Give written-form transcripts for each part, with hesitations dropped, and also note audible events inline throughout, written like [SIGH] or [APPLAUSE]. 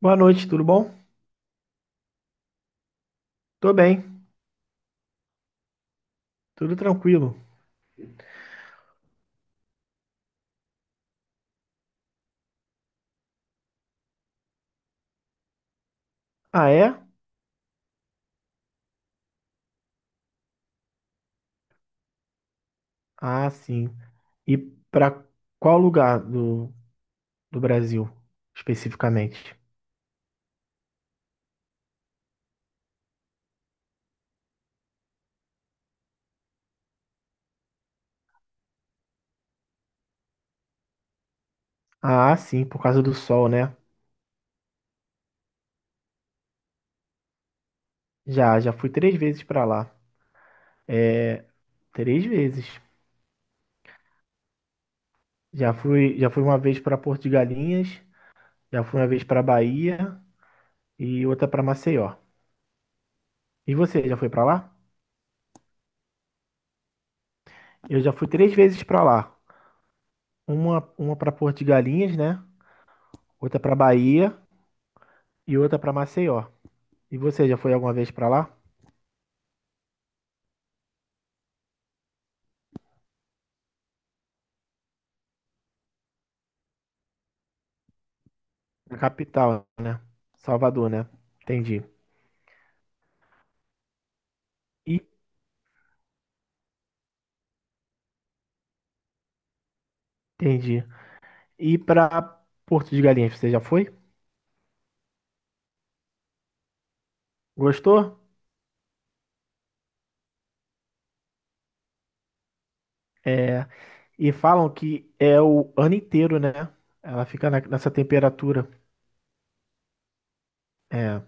Boa noite, tudo bom? Tô bem, tudo tranquilo. Ah, é? Ah, sim. E pra qual lugar do Brasil, especificamente? Ah, sim, por causa do sol, né? Já fui três vezes pra lá. Três vezes. Já fui uma vez pra Porto de Galinhas, já fui uma vez pra Bahia e outra pra Maceió. E você, já foi pra lá? Eu já fui três vezes pra lá. Uma para Porto de Galinhas, né? Outra pra Bahia e outra pra Maceió. E você já foi alguma vez pra lá? Na capital, Salvador, né? Entendi. E, entendi. E pra Porto de Galinhas, você já foi? Gostou? É, e falam que é o ano inteiro, né? Ela fica nessa temperatura. É,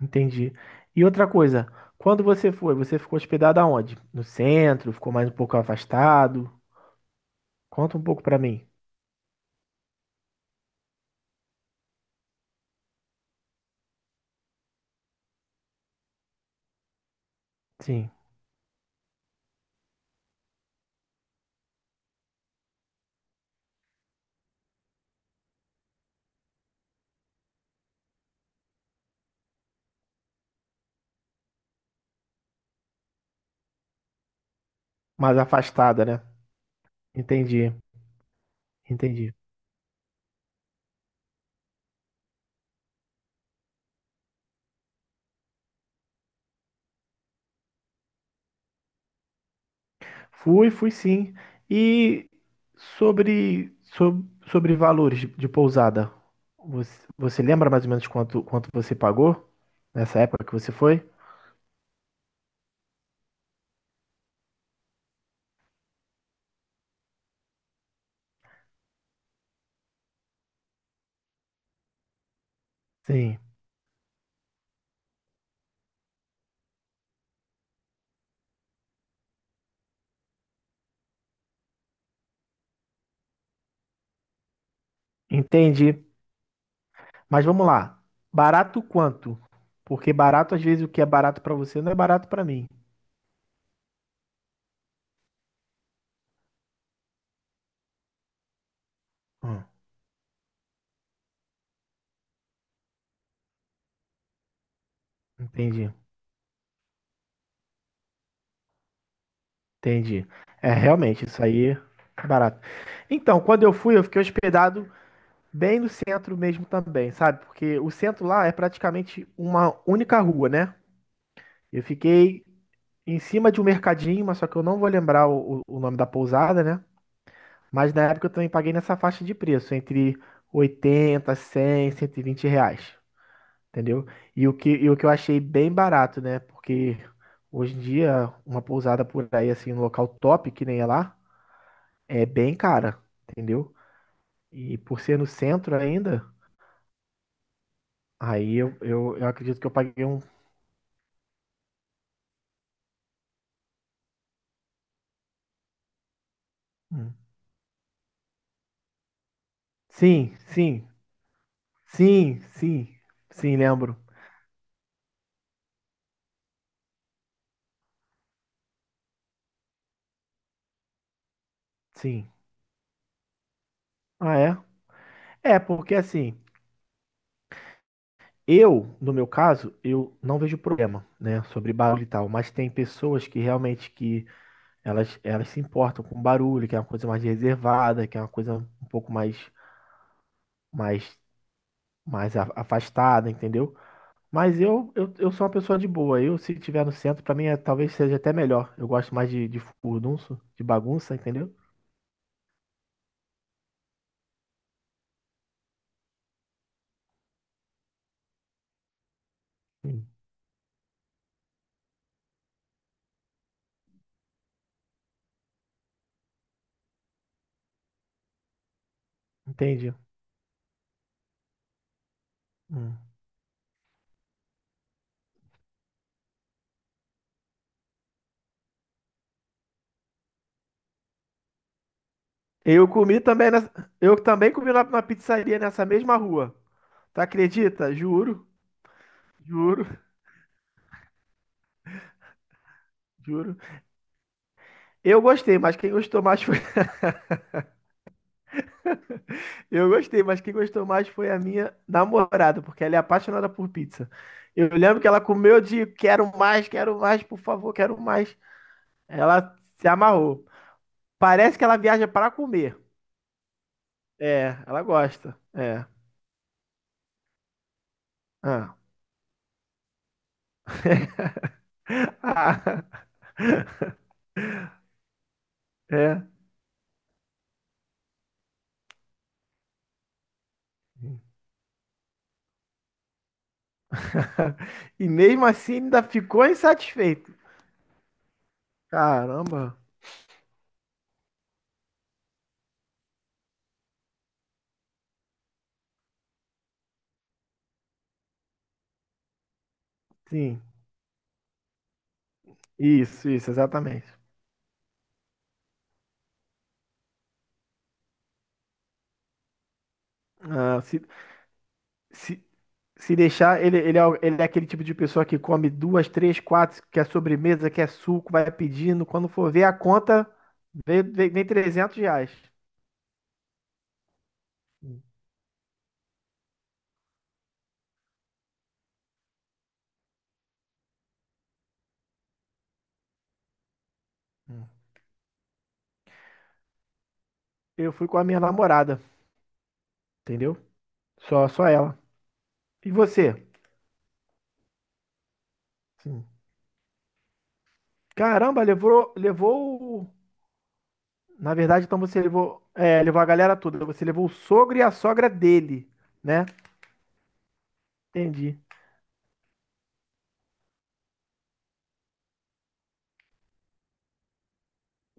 entendi. E outra coisa, quando você foi, você ficou hospedado aonde? No centro? Ficou mais um pouco afastado? Conta um pouco pra mim. Sim, mais afastada, né? Entendi, entendi. Fui, fui sim. E sobre, valores de pousada, você lembra mais ou menos quanto você pagou nessa época que você foi? Sim, entendi. Mas vamos lá. Barato quanto? Porque barato, às vezes, o que é barato pra você não é barato pra mim. Hum, entendi, entendi. É, realmente, isso aí é barato. Então, quando eu fui, eu fiquei hospedado. Bem no centro mesmo também, sabe? Porque o centro lá é praticamente uma única rua, né? Eu fiquei em cima de um mercadinho, mas só que eu não vou lembrar o nome da pousada, né? Mas na época eu também paguei nessa faixa de preço, entre 80, 100, 120 reais, entendeu? E o que eu achei bem barato, né? Porque hoje em dia, uma pousada por aí, assim, um local top, que nem é lá, é bem cara, entendeu? E por ser no centro ainda, aí eu acredito que eu paguei um. Hum. Sim, sim, sim, sim, sim, lembro. Sim. Ah, é? É, porque assim, eu, no meu caso, eu não vejo problema, né, sobre barulho e tal, mas tem pessoas que realmente que elas se importam com barulho, que é uma coisa mais reservada, que é uma coisa um pouco mais, mais afastada, entendeu? Mas eu sou uma pessoa de boa. Eu, se tiver no centro, pra mim é, talvez seja até melhor. Eu gosto mais de furdunço, de bagunça, entendeu? Hum. Entendi. Hum. Eu comi também nessa... Eu também comi na, na pizzaria nessa mesma rua. Tu acredita? Juro, juro, juro. Eu gostei, mas quem gostou mais foi. [LAUGHS] Eu gostei, mas quem gostou mais foi a minha namorada, porque ela é apaixonada por pizza. Eu lembro que ela comeu de quero mais, por favor, quero mais. Ela se amarrou. Parece que ela viaja para comer. É, ela gosta. É. Ah. [LAUGHS] Ah. É. [LAUGHS] E mesmo assim ainda ficou insatisfeito. Caramba. Sim. Isso, exatamente. Ah, se, se deixar, ele é aquele tipo de pessoa que come duas, três, quatro, quer sobremesa, quer suco, vai pedindo. Quando for ver a conta, vem, vem, vem R$ 300. Hum. Eu fui com a minha namorada, entendeu? Só, só ela. E você? Sim. Caramba, levou, levou. Na verdade, então você levou, é, levou a galera toda. Você levou o sogro e a sogra dele, né? Entendi.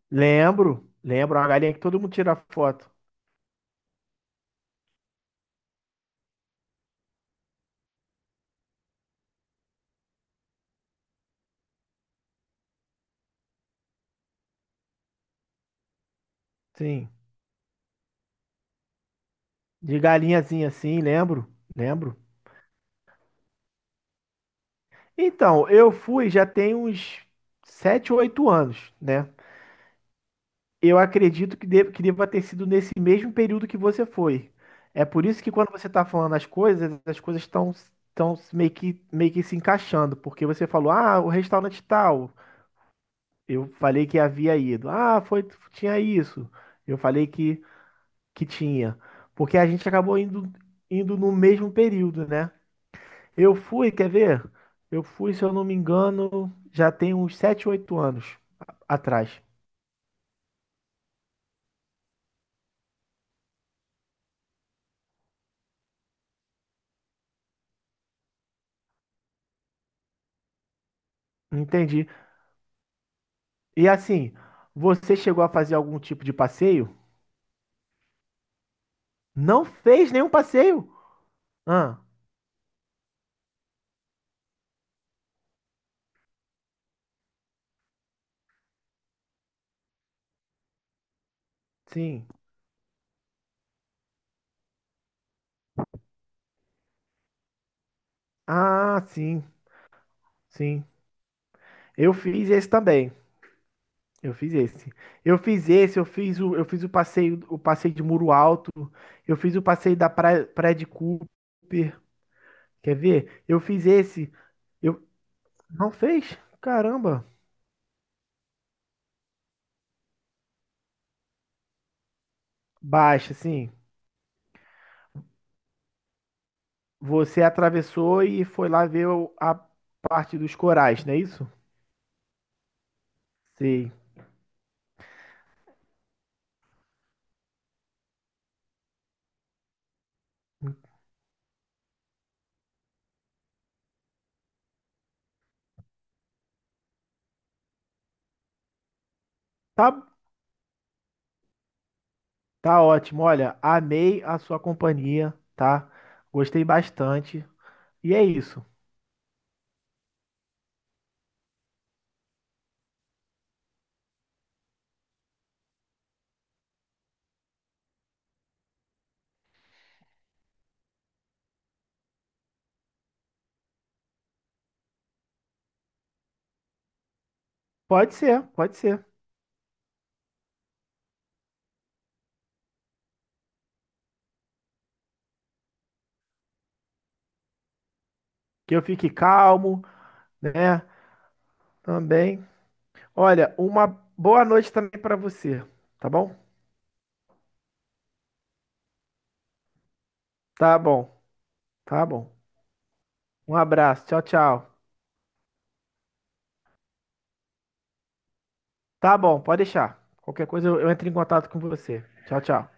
Lembro, lembro. Uma galinha que todo mundo tira foto. Sim. De galinhazinha assim, lembro, lembro. Então, eu fui já tem uns 7, 8 anos, né? Eu acredito que, de, que deva ter sido nesse mesmo período que você foi. É por isso que quando você tá falando as coisas, estão meio que se encaixando, porque você falou, ah, o restaurante tal. Eu falei que havia ido. Ah, foi, tinha isso. Eu falei que tinha. Porque a gente acabou indo no mesmo período, né? Eu fui, quer ver? Eu fui, se eu não me engano, já tem uns 7, 8 anos atrás. Entendi. E assim, você chegou a fazer algum tipo de passeio? Não fez nenhum passeio? Ah, sim. Ah, sim, sim. Eu fiz esse também. Eu fiz esse. Eu fiz esse, eu fiz o passeio o passeio de Muro Alto, eu fiz o passeio da Praia de Cooper. Quer ver? Eu fiz esse. Eu não fez? Caramba. Baixa, assim. Você atravessou e foi lá ver a parte dos corais, não é isso? Sim. Tá, tá ótimo. Olha, amei a sua companhia, tá? Gostei bastante. E é isso. Pode ser, pode ser. Que eu fique calmo, né? Também. Olha, uma boa noite também pra você, tá bom? Tá bom, tá bom. Um abraço. Tchau, tchau. Tá bom, pode deixar. Qualquer coisa eu entro em contato com você. Tchau, tchau.